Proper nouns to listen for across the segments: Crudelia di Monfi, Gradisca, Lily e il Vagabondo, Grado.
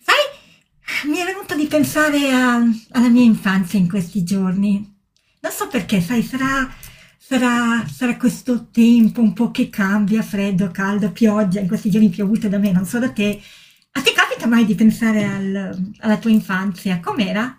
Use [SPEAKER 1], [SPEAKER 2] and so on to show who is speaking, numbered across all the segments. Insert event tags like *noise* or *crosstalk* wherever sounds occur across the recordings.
[SPEAKER 1] Sai, mi è venuto di pensare alla mia infanzia in questi giorni. Non so perché, sai, sarà, sarà questo tempo un po' che cambia, freddo, caldo, pioggia, in questi giorni piovute da me, non so da te. A te capita mai di pensare alla tua infanzia? Com'era?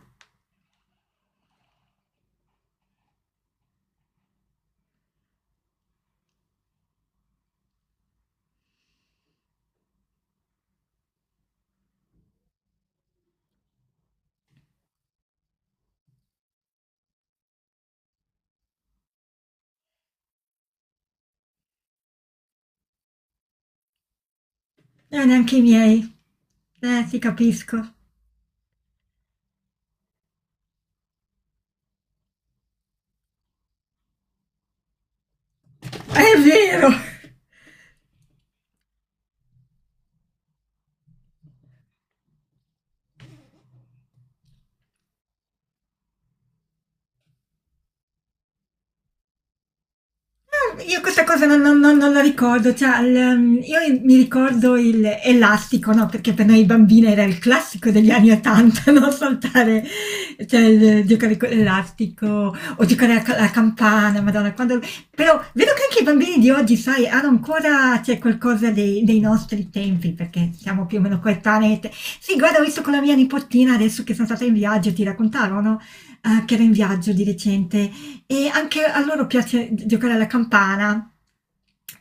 [SPEAKER 1] Neanche i miei. Ti capisco. È vero! Ah, io questa cosa non la ricordo, cioè, io mi ricordo il elastico, no? Perché per noi bambine era il classico degli anni 80, *laughs* no? Saltare, cioè, giocare con l'elastico o giocare a alla campana, madonna, quando... Però vedo che anche i bambini di oggi, sai, hanno ancora, c'è qualcosa dei nostri tempi, perché siamo più o meno coetanei. Sì, guarda, ho visto con la mia nipotina adesso che sono stata in viaggio, ti raccontavo, no? Che era in viaggio di recente e anche a loro piace giocare alla campana.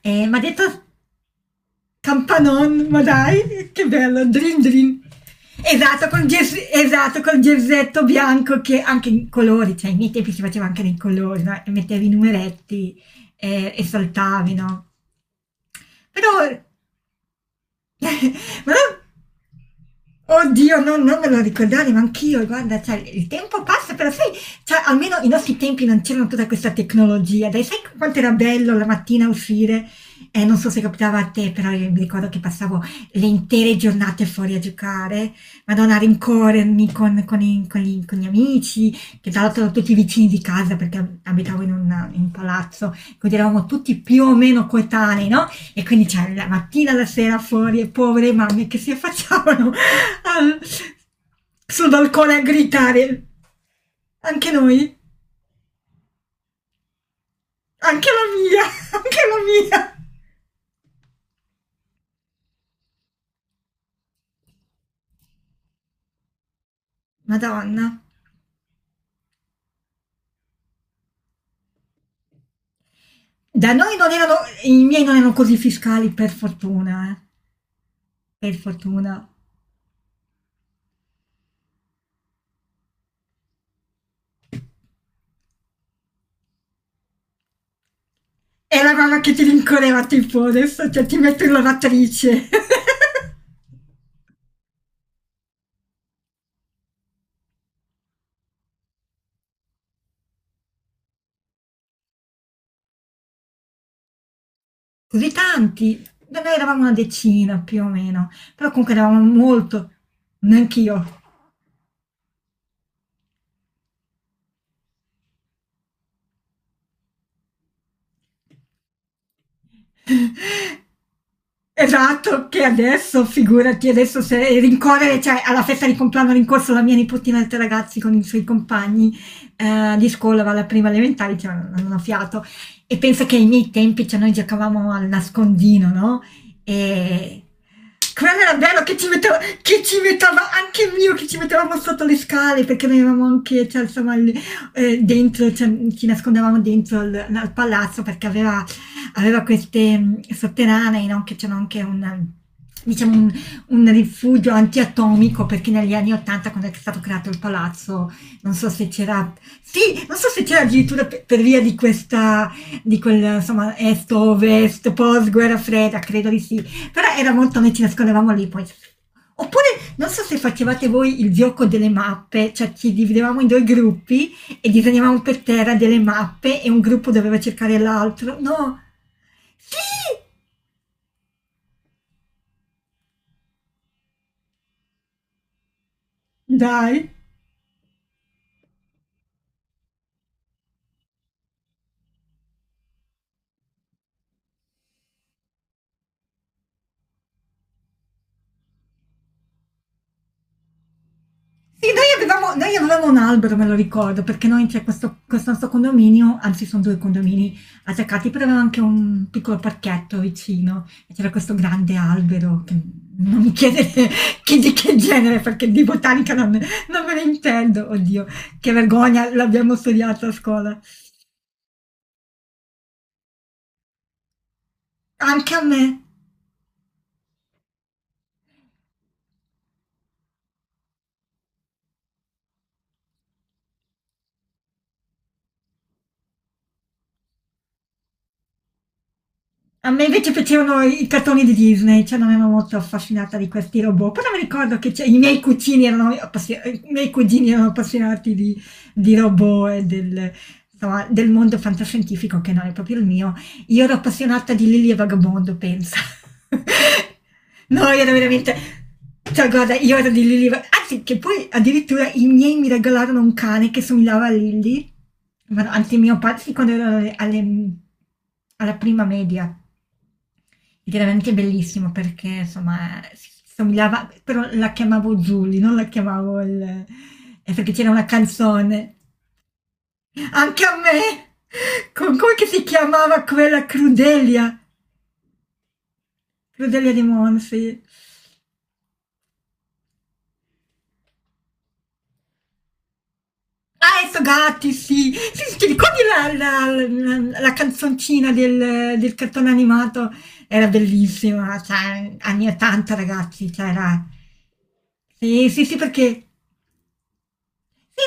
[SPEAKER 1] Ma detto campanon, ma dai, che bello, dream dream. Esatto, col esatto, col gersetto bianco che anche in colori, cioè ai miei tempi si faceva anche nei colori, no? E mettevi i numeretti e saltavi, no? Però *laughs* Ma- oddio, non me lo ricordare, ma anch'io, guarda, cioè, il tempo passa, però sai, cioè, almeno i nostri tempi non c'era tutta questa tecnologia, dai, sai quanto era bello la mattina uscire? Non so se capitava a te, però io mi ricordo che passavo le intere giornate fuori a giocare, madonna, a rincorrermi con gli amici, che tra l'altro erano tutti vicini di casa perché abitavo in un palazzo, quindi eravamo tutti più o meno coetanei, no? E quindi c'è la mattina, la sera fuori e povere mamme che si affacciavano al, sul balcone a gridare. Anche noi, anche la mia, *laughs* anche la mia. Madonna. Da noi non erano, i miei non erano così fiscali, per fortuna, eh. Per fortuna. È la mamma che ti rincorreva tipo adesso cioè, ti metto in lavatrice. *laughs* così tanti. Noi eravamo una decina più o meno, però comunque eravamo molto, neanch'io, *laughs* esatto, che adesso figurati adesso se rincorrere cioè alla festa di compleanno ho rincorso la mia nipotina e 3 ragazzi con i suoi compagni, di scuola alla prima elementare, cioè non ho fiato. E penso che ai miei tempi, cioè noi giocavamo al nascondino, no, ehm, quello era bello che ci metteva anche mio, che ci mettevamo sotto le scale perché noi avevamo anche cioè insomma il dentro cioè, ci nascondevamo dentro al palazzo perché aveva aveva queste sotterranei, no? Che c'era anche un, diciamo, un rifugio antiatomico, perché negli anni 80, quando è stato creato il palazzo, non so se c'era, sì, non so se c'era addirittura per via di questa, di quel, insomma, est-ovest, post-guerra fredda, credo di sì, però era molto, noi ci nascondevamo lì, poi oppure non so se facevate voi il gioco delle mappe, cioè ci dividevamo in due gruppi e disegnavamo per terra delle mappe e un gruppo doveva cercare l'altro. No! Sì! Dai! Sì, noi avevamo un albero, me lo ricordo, perché noi c'è questo, questo nostro condominio, anzi sono due condomini attaccati, però aveva anche un piccolo parchetto vicino e c'era questo grande albero che non mi chiedete *laughs* di che genere, perché di botanica non me ne intendo, oddio, che vergogna, l'abbiamo studiato a scuola. Anche a me, a me invece piacevano i cartoni di Disney, cioè non ero molto affascinata di questi robot, però mi ricordo che i miei cugini erano appassionati di robot e del, insomma, del mondo fantascientifico che non è proprio il mio. Io ero appassionata di Lily e Vagabondo, pensa. *laughs* No, io ero veramente... Cioè, guarda, io ero di Lily... e anzi, che poi addirittura i miei mi regalarono un cane che somigliava a Lily. Ma no, anzi, mio padre, sì, quando ero alla prima media. Ed era veramente bellissimo perché, insomma, si somigliava, però la chiamavo Julie, non la chiamavo il... perché c'era una canzone, anche a me, con come che si chiamava quella Crudelia, Crudelia di Monfi. Ah, e so gatti, sì. Sì, sì, ti ricordi la, la- la canzoncina del, del cartone animato? Era bellissima, cioè, anni 80, ragazzi, cioè, era... Sì, sì, sì, perché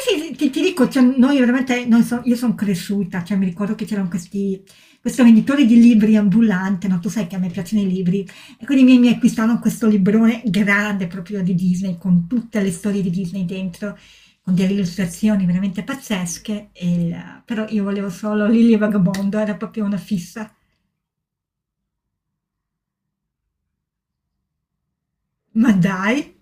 [SPEAKER 1] sì, sì, sì, ti dico, cioè, noi veramente, io sono cresciuta, cioè mi ricordo che c'erano questi, questo venditore di libri ambulante, no? Tu sai che a me piacciono i libri, e quindi mi acquistarono questo librone grande proprio di Disney, con tutte le storie di Disney dentro, con delle illustrazioni veramente pazzesche, e però io volevo solo Lily e il Vagabondo, era proprio una fissa. Ma dai!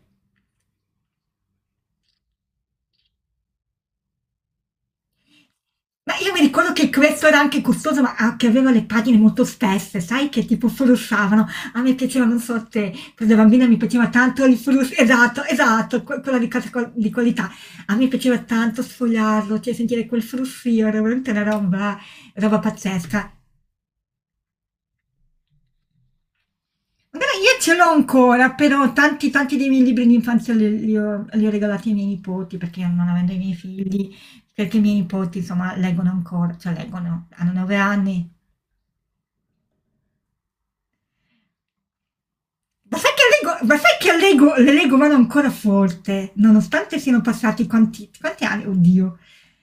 [SPEAKER 1] Ma io mi ricordo che questo era anche costoso, ma a che aveva le pagine molto spesse, sai, che tipo flussavano. A me piaceva, non so te, quando da bambina mi piaceva tanto il flusso, esatto, esatto, quella di, di qualità. A me piaceva tanto sfogliarlo, cioè sentire quel flussio, era veramente una roba, roba pazzesca. Magari io ce l'ho ancora, però tanti, tanti dei miei libri di infanzia li ho regalati ai miei nipoti, perché non avendo i miei figli, perché i miei nipoti, insomma, leggono ancora, cioè leggono, hanno 9 anni. Ma sai che, l'ego, ma sai che l'ego, l'ego vado ancora forte, nonostante siano passati quanti, quanti anni? Oddio.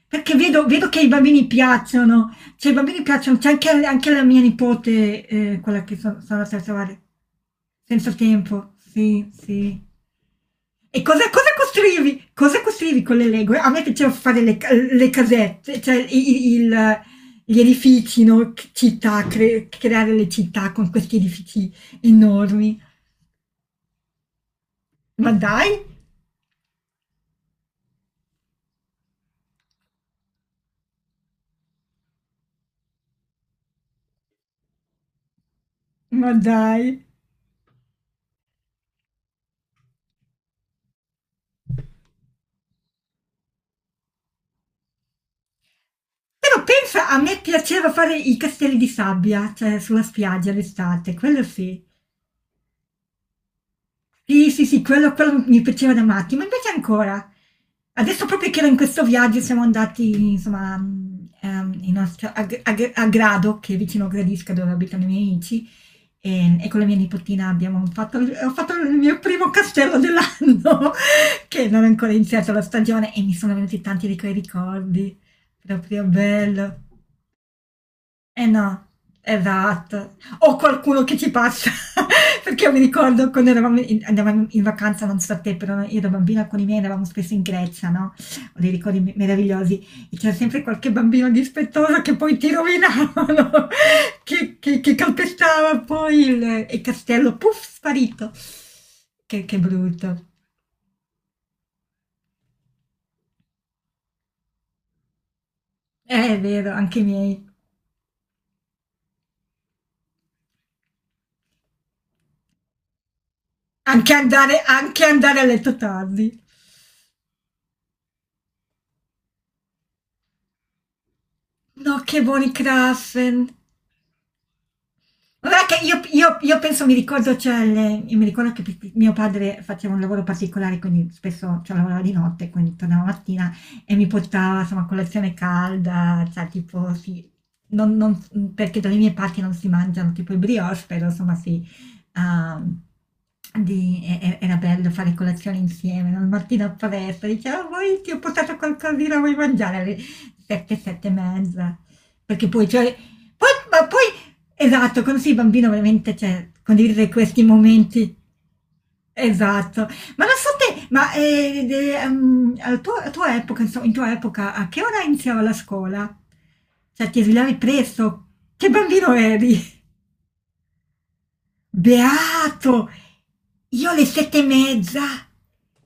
[SPEAKER 1] Perché vedo che i bambini piacciono, cioè i bambini piacciono, c'è anche, anche la mia nipote, quella che sono andata a trovare, senza tempo, sì, sì. E cosa costruivi? Cosa costruivi con le Lego? A me piaceva fare le casette, cioè gli edifici, no? Città, creare le città con questi edifici enormi. Ma dai! Ma dai! Però pensa, a me piaceva fare i castelli di sabbia, cioè sulla spiaggia l'estate, quello sì. Sì, sì, sì, quello quello mi piaceva da matti, ma invece ancora. Adesso proprio che ero in questo viaggio siamo andati, insomma, in una città a Grado, che è vicino a Gradisca dove abitano i miei amici, e con la mia nipotina abbiamo fatto il ho fatto il mio primo castello dell'anno, *laughs* che non è ancora iniziata la stagione e mi sono venuti tanti di quei ricordi. Proprio bello. Eh no, esatto. O qualcuno che ci passa, *laughs* perché io mi ricordo quando andavamo in vacanza, non so a te, però io da bambina con i miei andavamo spesso in Grecia, no? Ho dei ricordi meravigliosi e c'era sempre qualche bambino dispettoso che poi ti rovinavano, *laughs* che calpestava poi il castello, puff, sparito. Che brutto. È vero, anche i miei. Anche andare a letto tardi. No, che buoni Krapfen. Guarda che io penso mi ricordo c'è le io mi ricordo che p p mio padre faceva un lavoro particolare, quindi spesso cioè lavorava di notte, quindi tornava la mattina e mi portava, insomma, colazione calda, cioè tipo sì, non non s mhmm, perché dalle mie parti non si mangiano tipo i brioche, però insomma sì, uhm, di era bello fare colazione insieme, no, la mattina appresso, diceva: "Ah, vuoi ti ho portato qualcosina, vuoi mangiare?" Alle 7, 7 e mezza. Perché poi cioè poi ma poi esatto, quando sei bambino veramente, cioè, condividere questi momenti esatto. Ma non so te, ma, de al tuo a tua epoca, inso in tua epoca, a che ora iniziava la scuola? Cioè, ti svegliavi presto? Che bambino eri? Beato! Io alle 7 e mezza,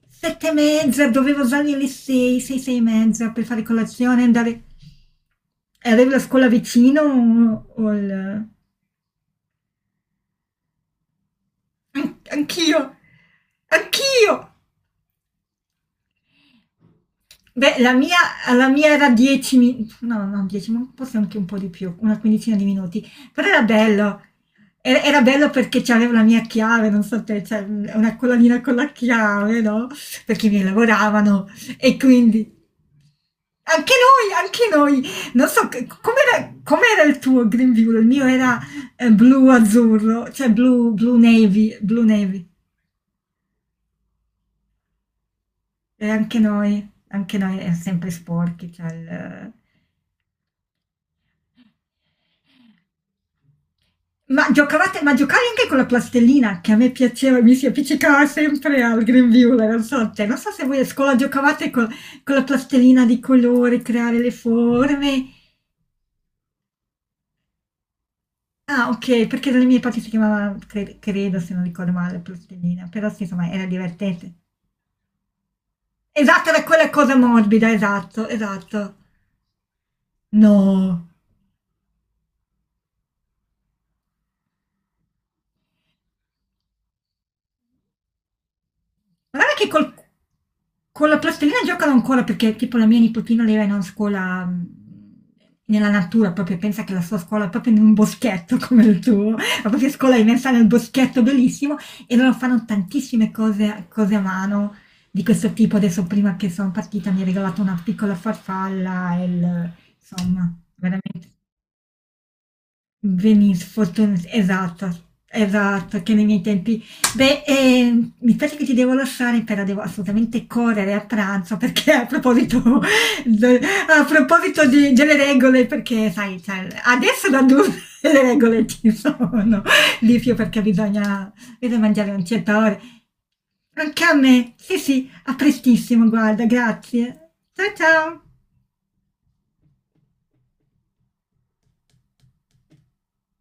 [SPEAKER 1] 7 e mezza, dovevo alzarmi alle 6, 6, 6 e mezza per fare colazione e andare e avevi la scuola vicino o il anch'io, anch'io. Beh, la mia era 10 minuti, no, no, 10, ma forse anche un po' di più, una quindicina di minuti, però era bello. Era, era bello perché c'avevo la mia chiave, non so te, cioè una collanina con la chiave, no? Perché mi lavoravano e quindi anche noi, non so com'era, com'era il tuo Green View, il mio era blu azzurro, cioè blu, blu navy, blu navy. E anche noi è sempre sporchi, cioè eh. Ma giocavate, ma giocavi anche con la plastilina che a me piaceva, mi si appiccicava sempre al grembiule, non so, cioè, non so se voi a scuola giocavate con la plastilina di colore, creare le forme. Ah, ok, perché dalle mie parti si chiamava, credo, se non ricordo male, plastilina, però sì, insomma, era divertente. Esatto, era quella cosa morbida, esatto, esatto. No. Guarda che con la plastilina giocano ancora perché tipo la mia nipotina lei va in una scuola nella natura, proprio pensa che la sua scuola è proprio in un boschetto *laughs* come il tuo, la propria scuola è immersa nel boschetto bellissimo e loro fanno tantissime cose, cose a mano di questo tipo. Adesso prima che sono partita mi ha regalato una piccola farfalla e insomma, veramente Benis fortun esatto, esatto, che nei miei tempi. Beh, mi piace che ti devo lasciare, però devo assolutamente correre a pranzo perché a proposito, *laughs* de- a proposito delle regole, perché sai, cioè, adesso da adulto *laughs* le regole ci sono, Lizio, perché bisogna, bisogna mangiare un certo ore. Anche a me, sì sì, a prestissimo, guarda, grazie. Ciao ciao!